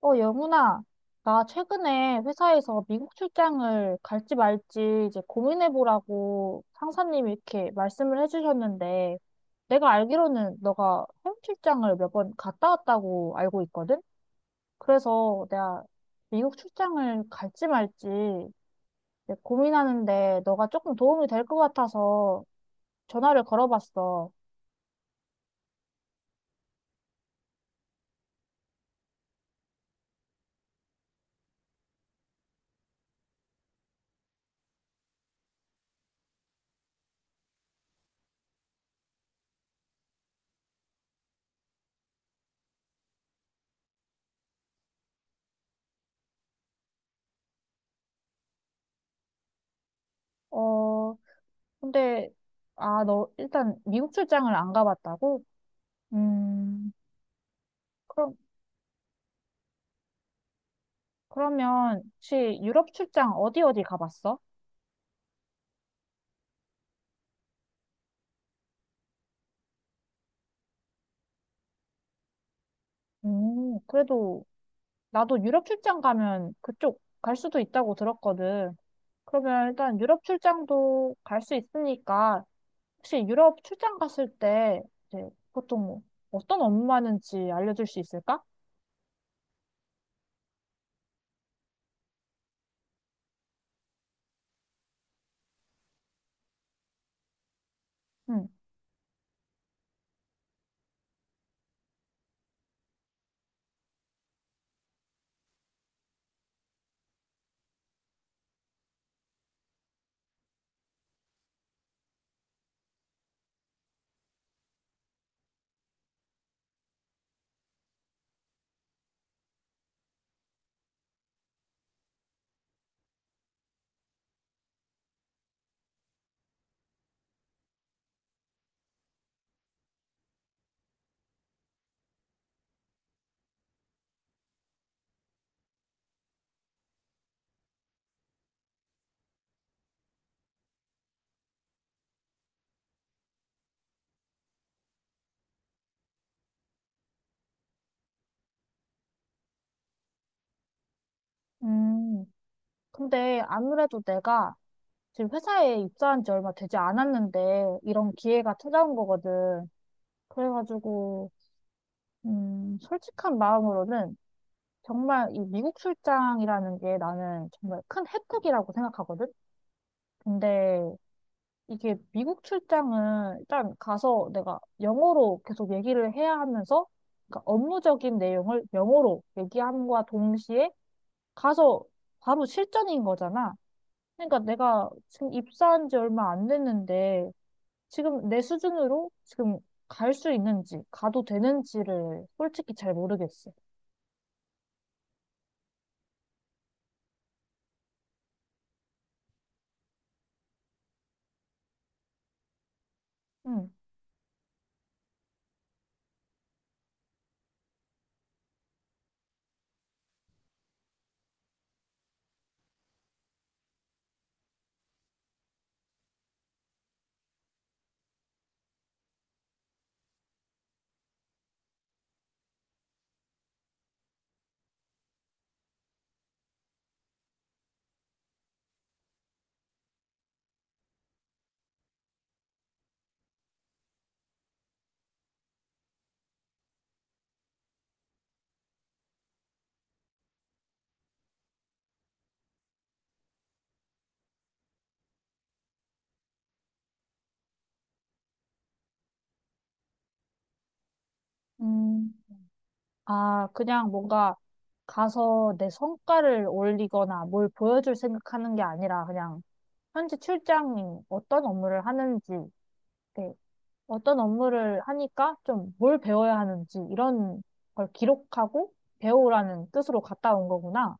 영문아, 나 최근에 회사에서 미국 출장을 갈지 말지 이제 고민해보라고 상사님이 이렇게 말씀을 해주셨는데, 내가 알기로는 너가 해외 출장을 몇 번 갔다 왔다고 알고 있거든? 그래서 내가 미국 출장을 갈지 말지 이제 고민하는데 너가 조금 도움이 될 것 같아서 전화를 걸어봤어. 어, 근데, 아, 너 일단 미국 출장을 안 가봤다고? 음. 그럼 그러면 혹시 유럽 출장 어디 어디 가봤어? 그래도 나도 유럽 출장 가면 그쪽 갈 수도 있다고 들었거든. 그러면 일단 유럽 출장도 갈 수 있으니까 혹시 유럽 출장 갔을 때 이제 보통 뭐 어떤 업무하는지 알려줄 수 있을까? 응. 음, 근데 아무래도 내가 지금 회사에 입사한 지 얼마 되지 않았는데 이런 기회가 찾아온 거거든. 그래가지고 솔직한 마음으로는 정말 이 미국 출장이라는 게 나는 정말 큰 혜택이라고 생각하거든? 근데 이게 미국 출장은 일단 가서 내가 영어로 계속 얘기를 해야 하면서, 그러니까 업무적인 내용을 영어로 얘기함과 동시에 가서 바로 실전인 거잖아. 그러니까 내가 지금 입사한 지 얼마 안 됐는데 지금 내 수준으로 지금 갈 수 있는지 가도 되는지를 솔직히 잘 모르겠어. 응. 음. 아, 그냥 뭔가 가서 내 성과를 올리거나 뭘 보여줄 생각하는 게 아니라, 그냥 현재 출장이 어떤 업무를 하는지, 네, 어떤 업무를 하니까 좀 뭘 배워야 하는지 이런 걸 기록하고 배우라는 뜻으로 갔다 온 거구나.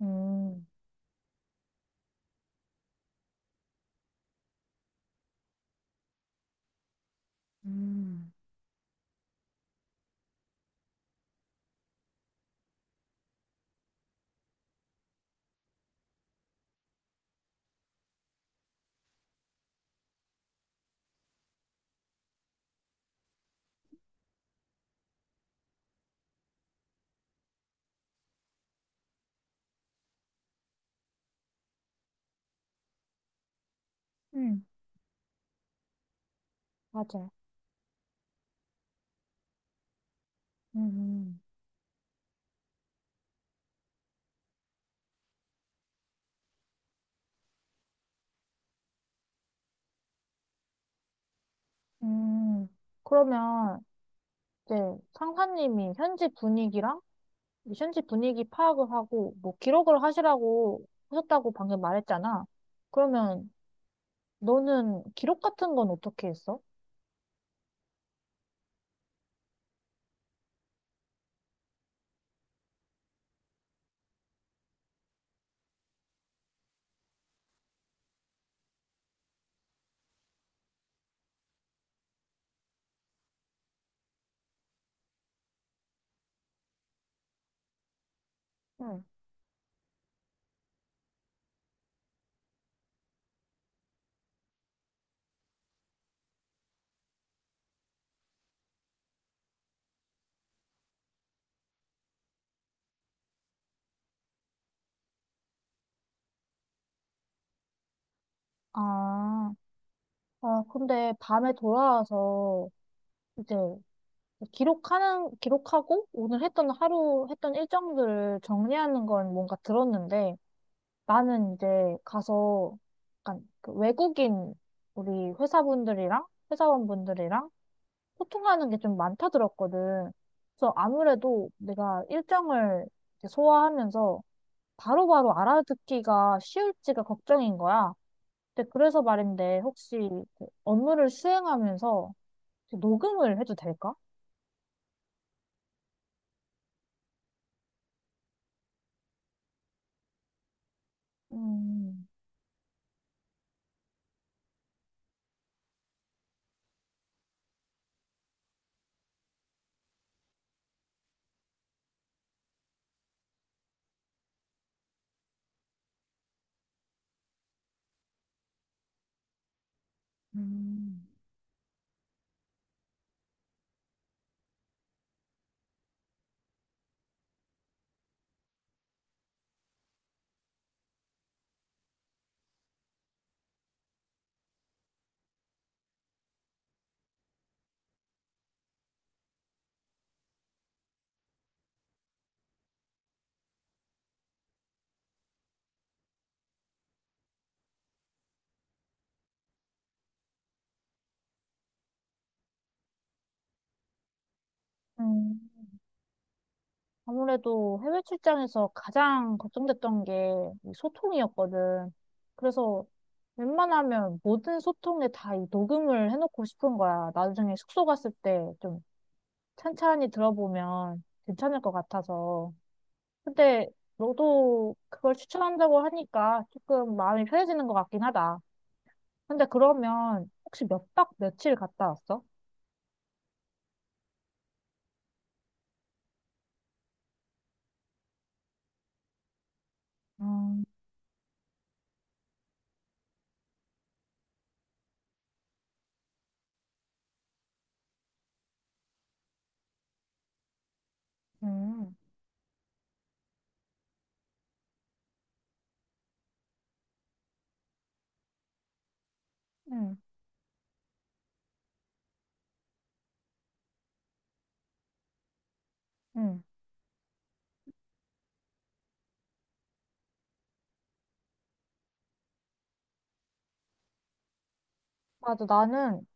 음, 음, 음, 맞아. 음, 음, 음, 그러면 이제 상사님이 현지 분위기랑 현지 분위기 파악을 하고 뭐 기록을 하시라고 하셨다고 방금 말했잖아. 그러면 너는 기록 같은 건 어떻게 했어? 응. 아, 근데 밤에 돌아와서 이제 기록하고 오늘 했던 하루 했던 일정들을 정리하는 건 뭔가 들었는데, 나는 이제 가서 약간 그 외국인 우리 회사분들이랑 회사원분들이랑 소통하는 게 좀 많다 들었거든. 그래서 아무래도 내가 일정을 이제 소화하면서 바로바로 알아듣기가 쉬울지가 걱정인 거야. 근데 그래서 말인데 혹시 그 업무를 수행하면서 혹시 녹음을 해도 될까? 음, 음. 음, 아무래도 해외 출장에서 가장 걱정됐던 게이 소통이었거든. 그래서 웬만하면 모든 소통에 다 이 녹음을 해놓고 싶은 거야. 나중에 숙소 갔을 때좀 찬찬히 들어보면 괜찮을 것 같아서. 근데 너도 그걸 추천한다고 하니까 조금 마음이 편해지는 것 같긴 하다. 근데 그러면 혹시 몇 박 며칠 갔다 왔어? 음, 음, 음, 음. 맞아. 나는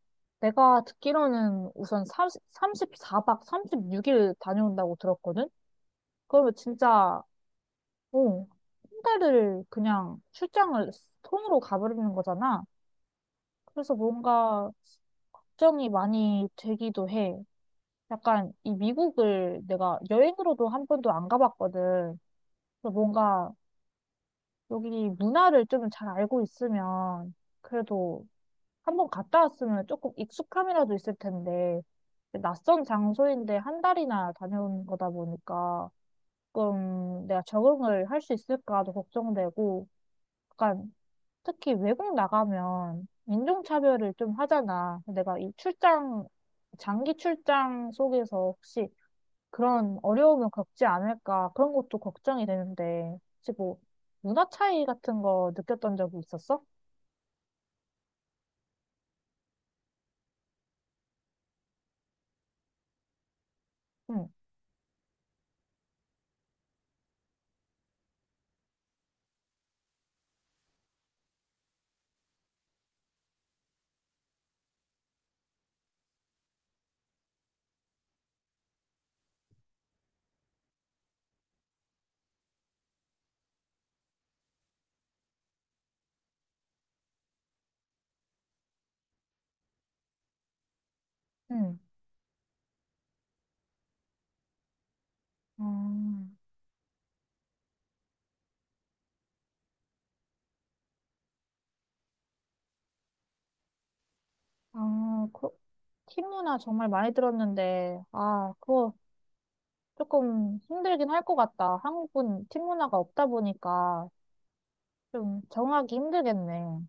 내가 듣기로는 우선 3삼십4박 36일 다녀온다고 들었거든? 그러면 진짜, 어, 한 달을 그냥 출장을 통으로 가버리는 거잖아. 그래서 뭔가 걱정이 많이 되기도 해. 약간 이 미국을 내가 여행으로도 한 번도 안 가봤거든. 그래서 뭔가 여기 문화를 좀 잘 알고 있으면, 그래도 한 번 갔다 왔으면 조금 익숙함이라도 있을 텐데 낯선 장소인데 한 달이나 다녀온 거다 보니까 조금 내가 적응을 할 수 있을까도 걱정되고, 약간 특히 외국 나가면 인종차별을 좀 하잖아. 내가 이 출장, 장기 출장 속에서 혹시 그런 어려움을 겪지 않을까, 그런 것도 걱정이 되는데 혹시 뭐 문화 차이 같은 거 느꼈던 적이 있었어? 응, 응. 음, 아, 팀 문화 정말 많이 들었는데, 아, 그거 조금 힘들긴 할 것 같다. 한국은 팀 문화가 없다 보니까 좀 적응하기 힘들겠네.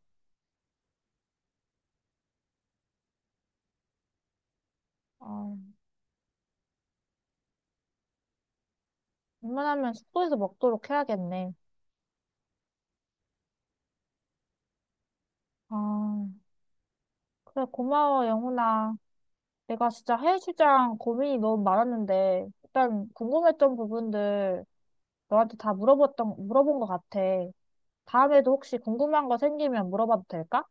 아, 웬만하면 숙소에서 먹도록 해야겠네. 아, 그래, 고마워, 영훈아. 내가 진짜 해외출장 고민이 너무 많았는데, 일단 궁금했던 부분들 너한테 다 물어본 것 같아. 다음에도 혹시 궁금한 거 생기면 물어봐도 될까?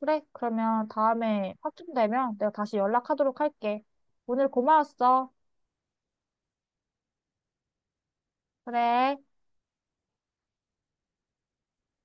그래, 그러면 다음에 확정되면 내가 다시 연락하도록 할게. 오늘 고마웠어. 그래.